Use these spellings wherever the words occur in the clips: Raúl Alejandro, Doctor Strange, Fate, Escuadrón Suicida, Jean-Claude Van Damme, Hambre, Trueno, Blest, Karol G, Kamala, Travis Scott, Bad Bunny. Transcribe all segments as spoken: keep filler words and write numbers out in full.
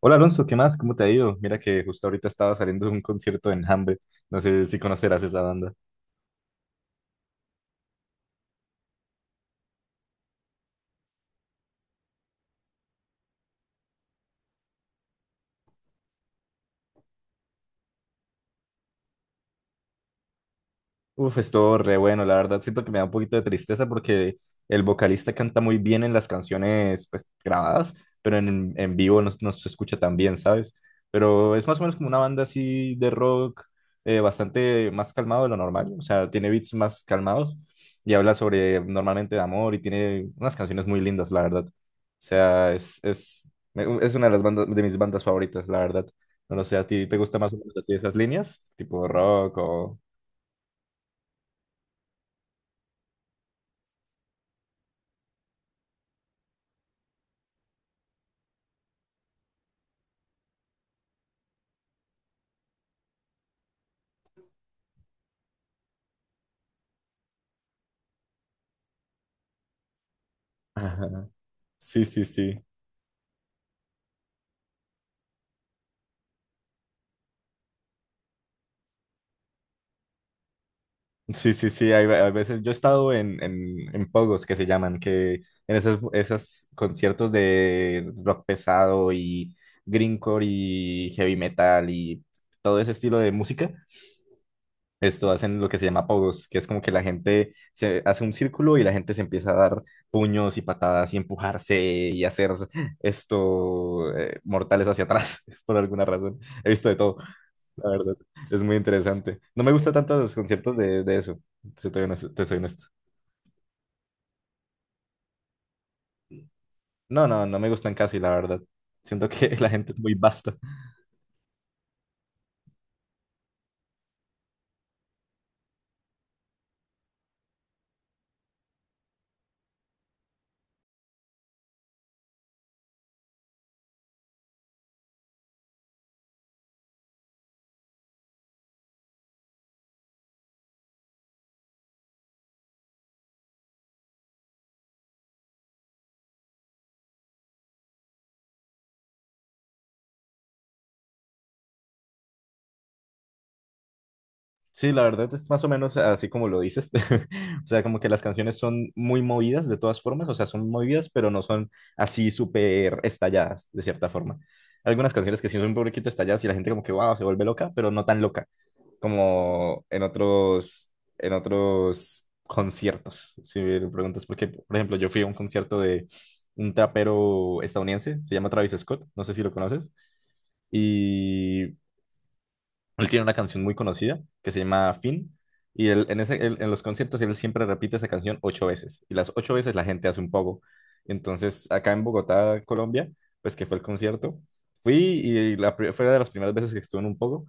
Hola Alonso, ¿qué más? ¿Cómo te ha ido? Mira que justo ahorita estaba saliendo de un concierto en Hambre. No sé si conocerás esa banda. Uf, estuvo re bueno, la verdad siento que me da un poquito de tristeza porque el vocalista canta muy bien en las canciones pues grabadas, pero en, en vivo no, no se escucha tan bien, ¿sabes? Pero es más o menos como una banda así de rock eh, bastante más calmado de lo normal, o sea, tiene beats más calmados y habla sobre normalmente de amor y tiene unas canciones muy lindas, la verdad. O sea, es, es, me- es una de las bandas, de mis bandas favoritas, la verdad. No lo sé, ¿a ti te gusta más o menos así esas líneas? Tipo rock o. Sí, sí, sí. Sí, sí, sí. Hay, ve- hay veces yo he estado en, en, en pogos que se llaman, que en esos, esos conciertos de rock pesado y grindcore y heavy metal y todo ese estilo de música. Esto hacen lo que se llama pogos, que es como que la gente se hace un círculo y la gente se empieza a dar puños y patadas y empujarse y hacer esto eh, mortales hacia atrás por alguna razón. He visto de todo. La verdad, es muy interesante. No me gusta tanto los conciertos de, de, eso, si te, soy honesto- te soy honesto. No, no, no me gustan casi, la verdad. Siento que la gente es muy vasta. Sí, la verdad es más o menos así como lo dices. O sea, como que las canciones son muy movidas de todas formas, o sea, son movidas, pero no son así súper estalladas, de cierta forma. Hay algunas canciones que sí son un poquito estalladas y la gente como que, wow, se vuelve loca, pero no tan loca como en otros, en otros conciertos. Si me preguntas, porque, por ejemplo, yo fui a un concierto de un trapero estadounidense, se llama Travis Scott, no sé si lo conoces, y él tiene una canción muy conocida que se llama Fin. Y él, en, ese, él- en los conciertos él siempre repite esa canción ocho veces. Y las ocho veces la gente hace un poco. Entonces, acá en Bogotá, Colombia, pues que fue el concierto, fui y la, pri- fue una de las primeras veces que estuve en un poco.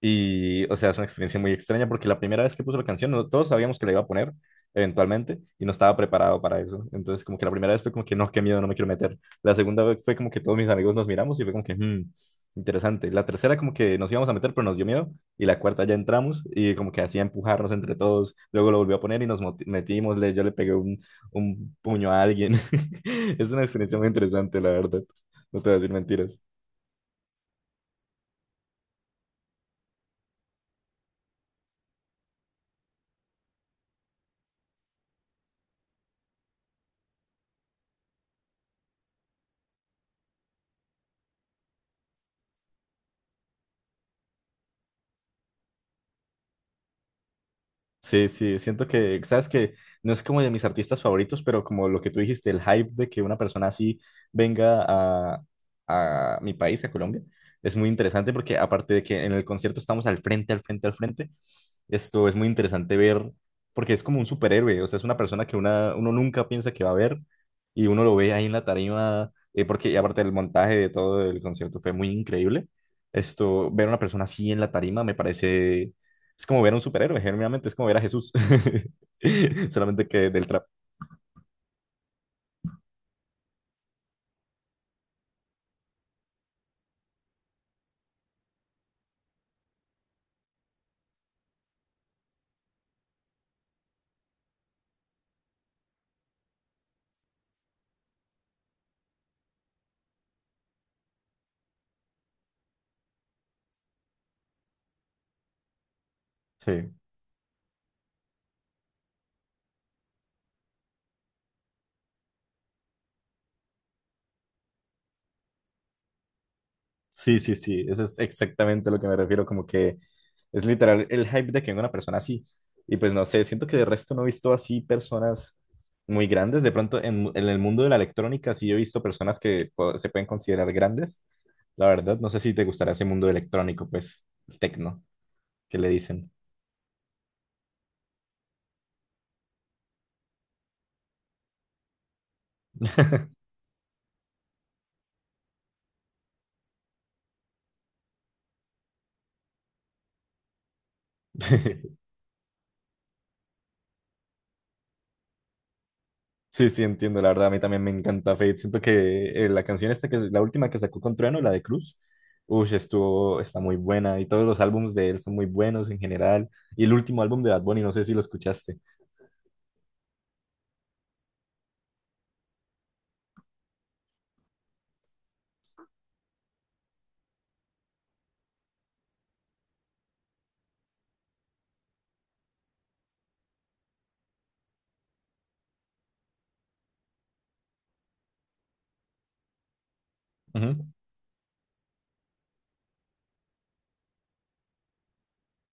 Y, o sea, es una experiencia muy extraña porque la primera vez que puso la canción, no, todos sabíamos que la iba a poner eventualmente y no estaba preparado para eso. Entonces, como que la primera vez fue como que no, qué miedo, no me quiero meter. La segunda vez fue como que todos mis amigos nos miramos y fue como que, "Hmm, interesante". La tercera, como que nos íbamos a meter, pero nos dio miedo. Y la cuarta ya entramos y como que hacía empujarnos entre todos. Luego lo volvió a poner y nos moti- metimos. le- Yo le pegué un, un puño a alguien. Es una experiencia muy interesante, la verdad. No te voy a decir mentiras. Sí, sí, siento que, sabes que no es como de mis artistas favoritos, pero como lo que tú dijiste, el hype de que una persona así venga a, a mi país, a Colombia, es muy interesante porque aparte de que en el concierto estamos al frente, al frente, al frente, esto es muy interesante ver porque es como un superhéroe, o sea, es una persona que una, uno nunca piensa que va a ver y uno lo ve ahí en la tarima, eh, porque y aparte el montaje de todo el concierto fue muy increíble. Esto, ver a una persona así en la tarima me parece es como ver a un superhéroe, generalmente es como ver a Jesús. Solamente que del trap. Sí. Sí, sí, sí. Eso es exactamente a lo que me refiero. Como que es literal el hype de que venga una persona así. Y pues no sé, siento que de resto no he visto así personas muy grandes. De pronto en, en, el mundo de la electrónica sí he visto personas que po- se pueden considerar grandes. La verdad, no sé si te gustará ese mundo electrónico, pues, el tecno, que le dicen. Sí, sí, entiendo, la verdad, a mí también me encanta Fate. Siento que eh, la canción esta, que es la última que sacó con Trueno, la de Cruz, uff, estuvo, está muy buena y todos los álbumes de él son muy buenos en general. Y el último álbum de Bad Bunny, no sé si lo escuchaste. Ujú.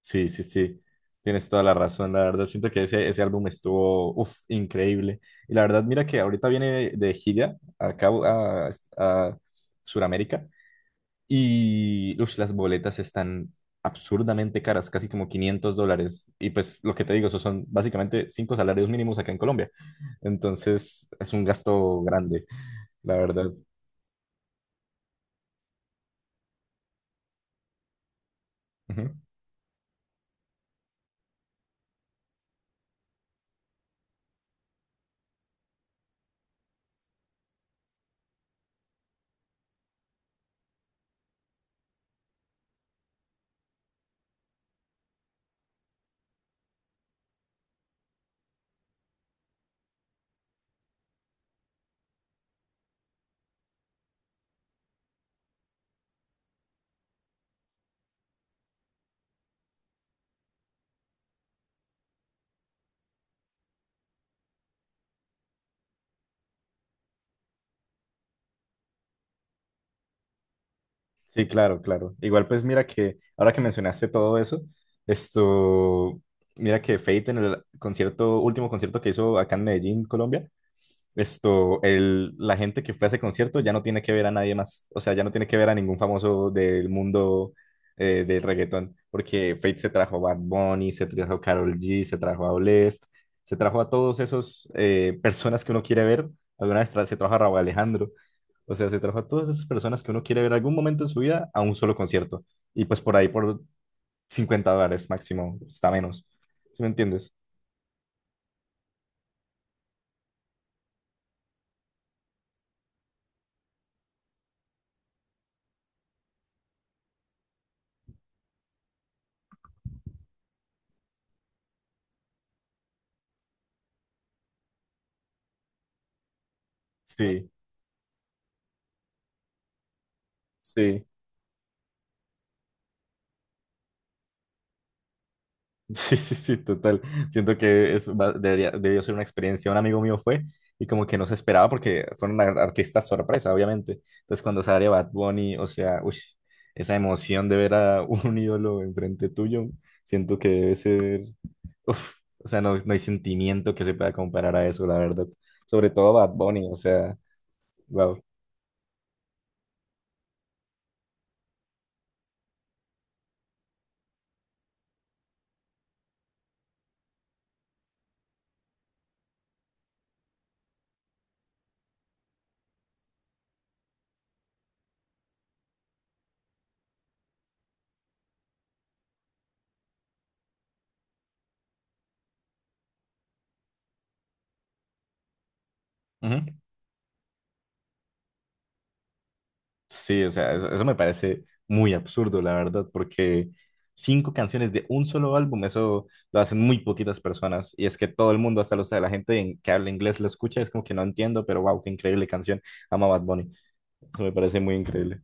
Sí, sí, sí, tienes toda la razón, la verdad, siento que ese, ese álbum estuvo, uff, increíble. Y la verdad, mira que ahorita viene de gira acá a, a Sudamérica. Y ush, las boletas están absurdamente caras, casi como quinientos dólares. Y pues lo que te digo, esos son básicamente cinco salarios mínimos acá en Colombia. Entonces es un gasto grande, la verdad. Ujú. Sí, claro, claro. Igual pues mira que ahora que mencionaste todo eso, esto, mira que Fate en el concierto, último concierto que hizo acá en Medellín, Colombia. Esto, el, la gente que fue a ese concierto ya no tiene que ver a nadie más. O sea, ya no tiene que ver a ningún famoso del mundo eh, del reggaetón. Porque Fate se trajo a Bad Bunny, se trajo a Karol G, se trajo a Blest, se trajo a todos esos eh, personas que uno quiere ver. Alguna vez tra- se trajo a Raúl Alejandro. O sea, se trajo a todas esas personas que uno quiere ver algún momento en su vida a un solo concierto. Y pues por ahí por cincuenta dólares máximo, está menos. ¿Sí me entiendes? Sí, sí. Sí, sí, sí, total. Siento que es, va- debería, debió ser una experiencia. Un amigo mío fue y como que no se esperaba porque fueron ar- artistas sorpresa, obviamente. Entonces cuando sale Bad Bunny, o sea, uy, esa emoción de ver a un ídolo enfrente tuyo, siento que debe ser, uf, o sea, no, no hay sentimiento que se pueda comparar a eso, la verdad. Sobre todo Bad Bunny, o sea, wow. Sí, o sea, eso, eso me parece muy absurdo, la verdad, porque cinco canciones de un solo álbum, eso lo hacen muy poquitas personas. Y es que todo el mundo, hasta los, la gente en- que habla inglés lo escucha, es como que no entiendo, pero wow, qué increíble canción. Ama Bad Bunny. Eso me parece muy increíble.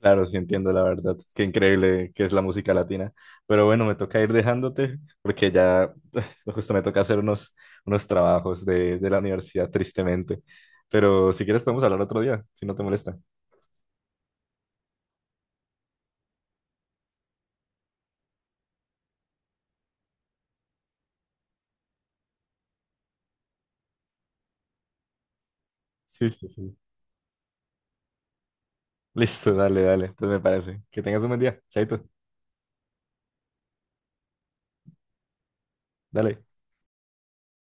Claro, sí entiendo, la verdad, qué increíble que es la música latina. Pero bueno, me toca ir dejándote, porque ya justo me toca hacer unos, unos trabajos de, de, la universidad, tristemente. Pero si quieres podemos hablar otro día, si no te molesta. Sí, sí, sí. Listo, dale, dale. Entonces me parece. Que tengas un buen día. Chaito. Dale.